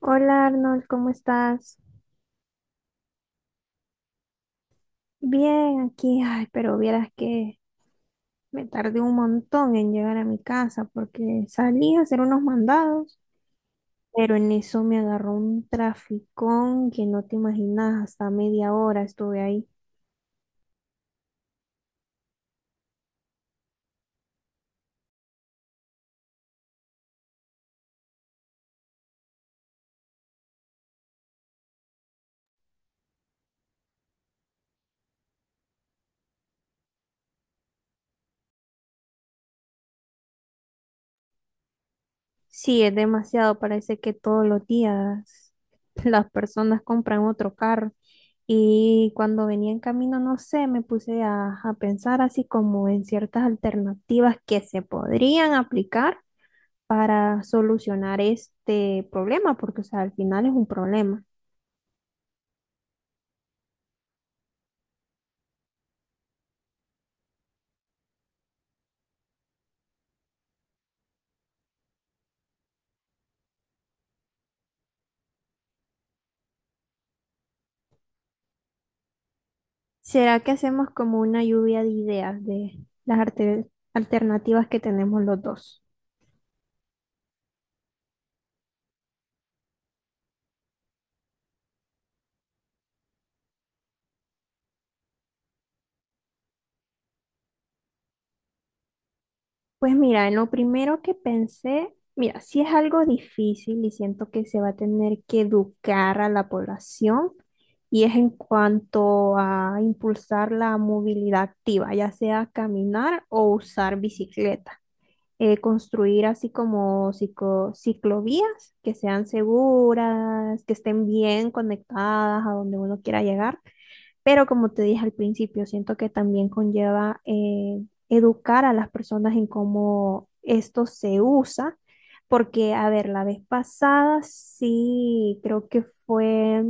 Hola Arnold, ¿cómo estás? Bien, aquí, ay, pero vieras que me tardé un montón en llegar a mi casa porque salí a hacer unos mandados, pero en eso me agarró un traficón que no te imaginas, hasta media hora estuve ahí. Sí, es demasiado, parece que todos los días las personas compran otro carro. Y cuando venía en camino, no sé, me puse a pensar así como en ciertas alternativas que se podrían aplicar para solucionar este problema, porque o sea, al final es un problema. ¿Será que hacemos como una lluvia de ideas de las alternativas que tenemos los dos? Pues mira, en lo primero que pensé, mira, si es algo difícil y siento que se va a tener que educar a la población y es en cuanto a impulsar la movilidad activa, ya sea caminar o usar bicicleta. Construir así como ciclovías que sean seguras, que estén bien conectadas a donde uno quiera llegar. Pero como te dije al principio, siento que también conlleva educar a las personas en cómo esto se usa, porque, a ver, la vez pasada sí creo que fue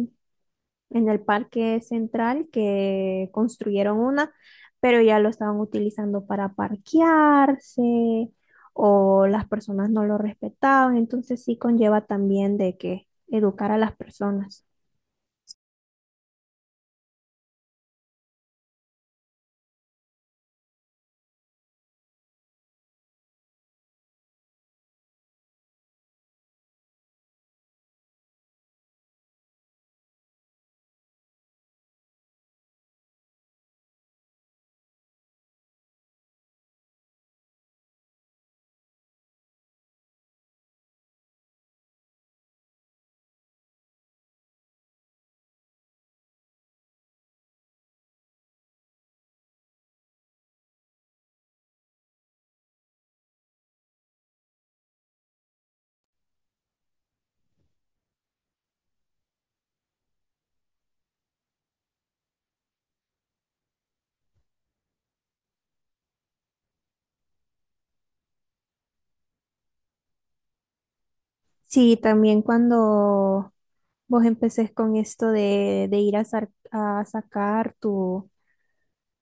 en el parque central que construyeron una, pero ya lo estaban utilizando para parquearse o las personas no lo respetaban, entonces sí conlleva también de que educar a las personas. Sí, también cuando vos empecés con esto de ir a, a sacar tu,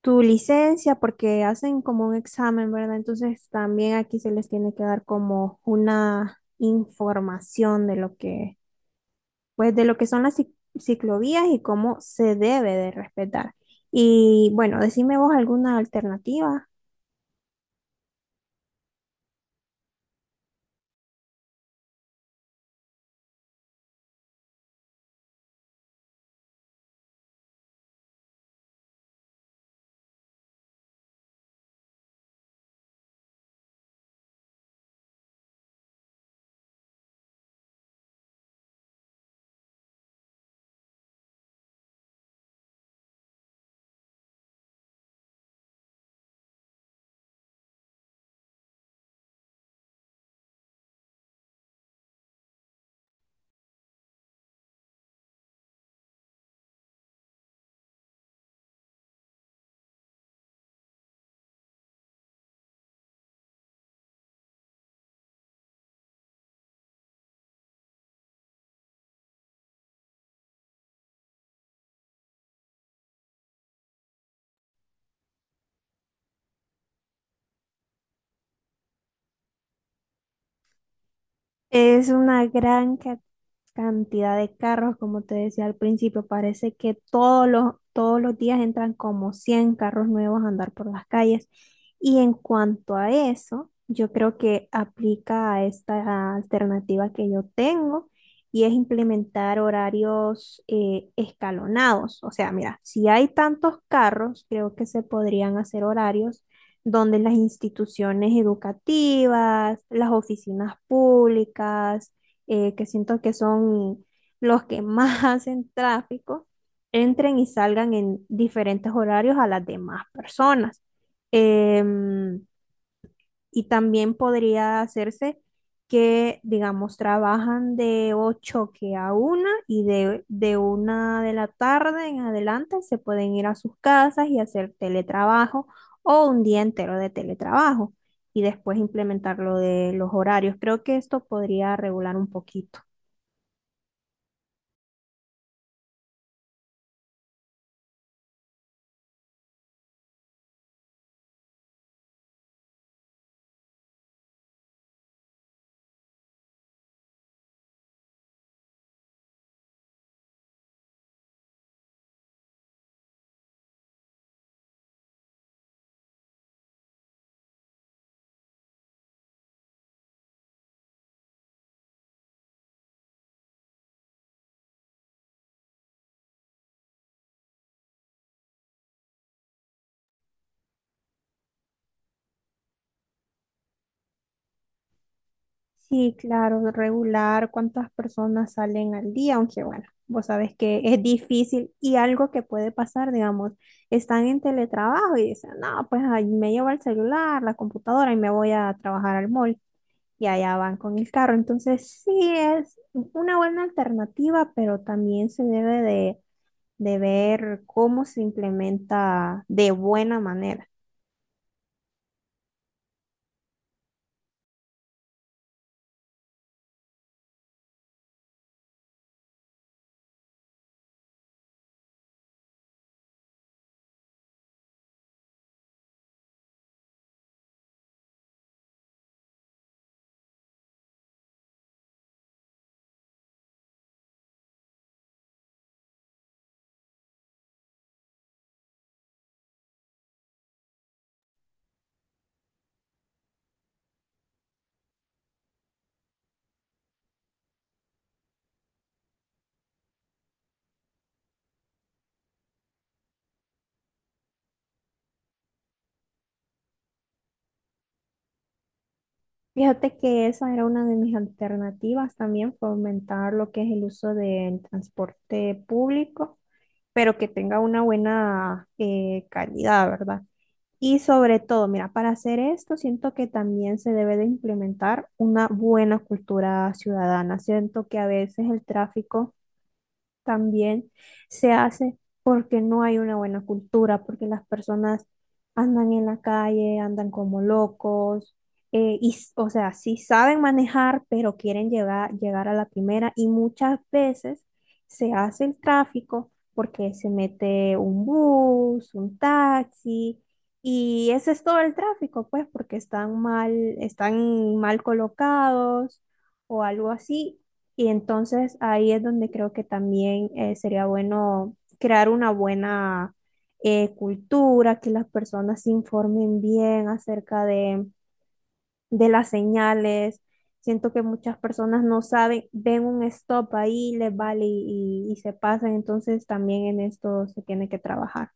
tu licencia, porque hacen como un examen, ¿verdad? Entonces también aquí se les tiene que dar como una información de lo que pues de lo que son las ciclovías y cómo se debe de respetar. Y bueno, decime vos alguna alternativa. Es una gran cantidad de carros, como te decía al principio. Parece que todos los días entran como 100 carros nuevos a andar por las calles. Y en cuanto a eso, yo creo que aplica a esta alternativa que yo tengo y es implementar horarios escalonados. O sea, mira, si hay tantos carros, creo que se podrían hacer horarios donde las instituciones educativas, las oficinas públicas, que siento que son los que más hacen tráfico, entren y salgan en diferentes horarios a las demás personas. Em, y también podría hacerse que, digamos, trabajan de 8 que a 1 y de 1 de la tarde en adelante se pueden ir a sus casas y hacer teletrabajo o un día entero de teletrabajo y después implementar lo de los horarios. Creo que esto podría regular un poquito. Sí, claro, regular cuántas personas salen al día, aunque bueno, vos sabés que es difícil y algo que puede pasar, digamos, están en teletrabajo y dicen, no, pues ahí me llevo el celular, la computadora y me voy a trabajar al mall y allá van con el carro. Entonces, sí es una buena alternativa, pero también se debe de ver cómo se implementa de buena manera. Fíjate que esa era una de mis alternativas también, fomentar lo que es el uso del transporte público, pero que tenga una buena calidad, ¿verdad? Y sobre todo, mira, para hacer esto, siento que también se debe de implementar una buena cultura ciudadana. Siento que a veces el tráfico también se hace porque no hay una buena cultura, porque las personas andan en la calle, andan como locos, y, o sea, sí saben manejar, pero quieren llegar a la primera y muchas veces se hace el tráfico porque se mete un bus, un taxi. Y ese es todo el tráfico, pues, porque están mal colocados o algo así. Y entonces ahí es donde creo que también sería bueno crear una buena cultura, que las personas se informen bien acerca de las señales. Siento que muchas personas no saben, ven un stop ahí, les vale y se pasan, entonces también en esto se tiene que trabajar.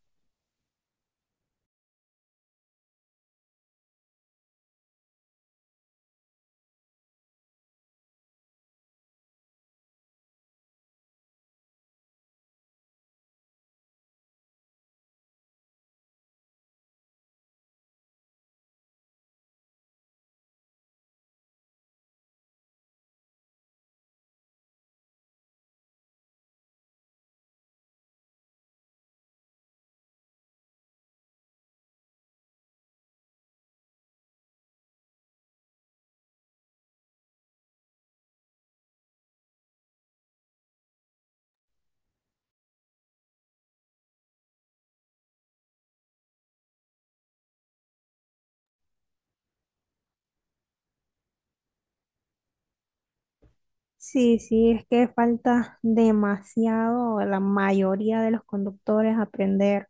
Sí, sí, es que falta demasiado a la mayoría de los conductores aprender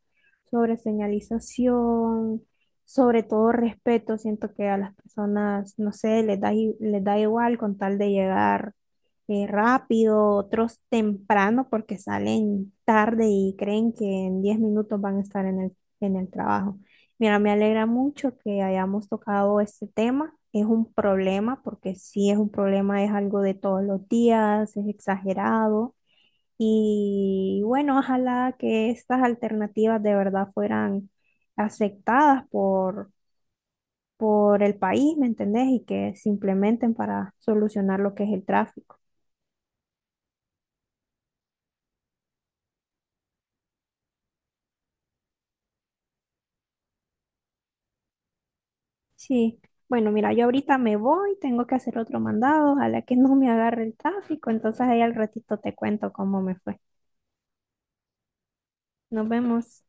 sobre señalización, sobre todo respeto. Siento que a las personas, no sé, les da igual con tal de llegar rápido, otros temprano porque salen tarde y creen que en 10 minutos van a estar en el, trabajo. Mira, me alegra mucho que hayamos tocado este tema. Es un problema porque sí es un problema, es algo de todos los días, es exagerado. Y bueno, ojalá que estas alternativas de verdad fueran aceptadas por el país, ¿me entendés? Y que se implementen para solucionar lo que es el tráfico. Sí, bueno, mira, yo ahorita me voy, tengo que hacer otro mandado, ojalá que no me agarre el tráfico, entonces ahí al ratito te cuento cómo me fue. Nos vemos.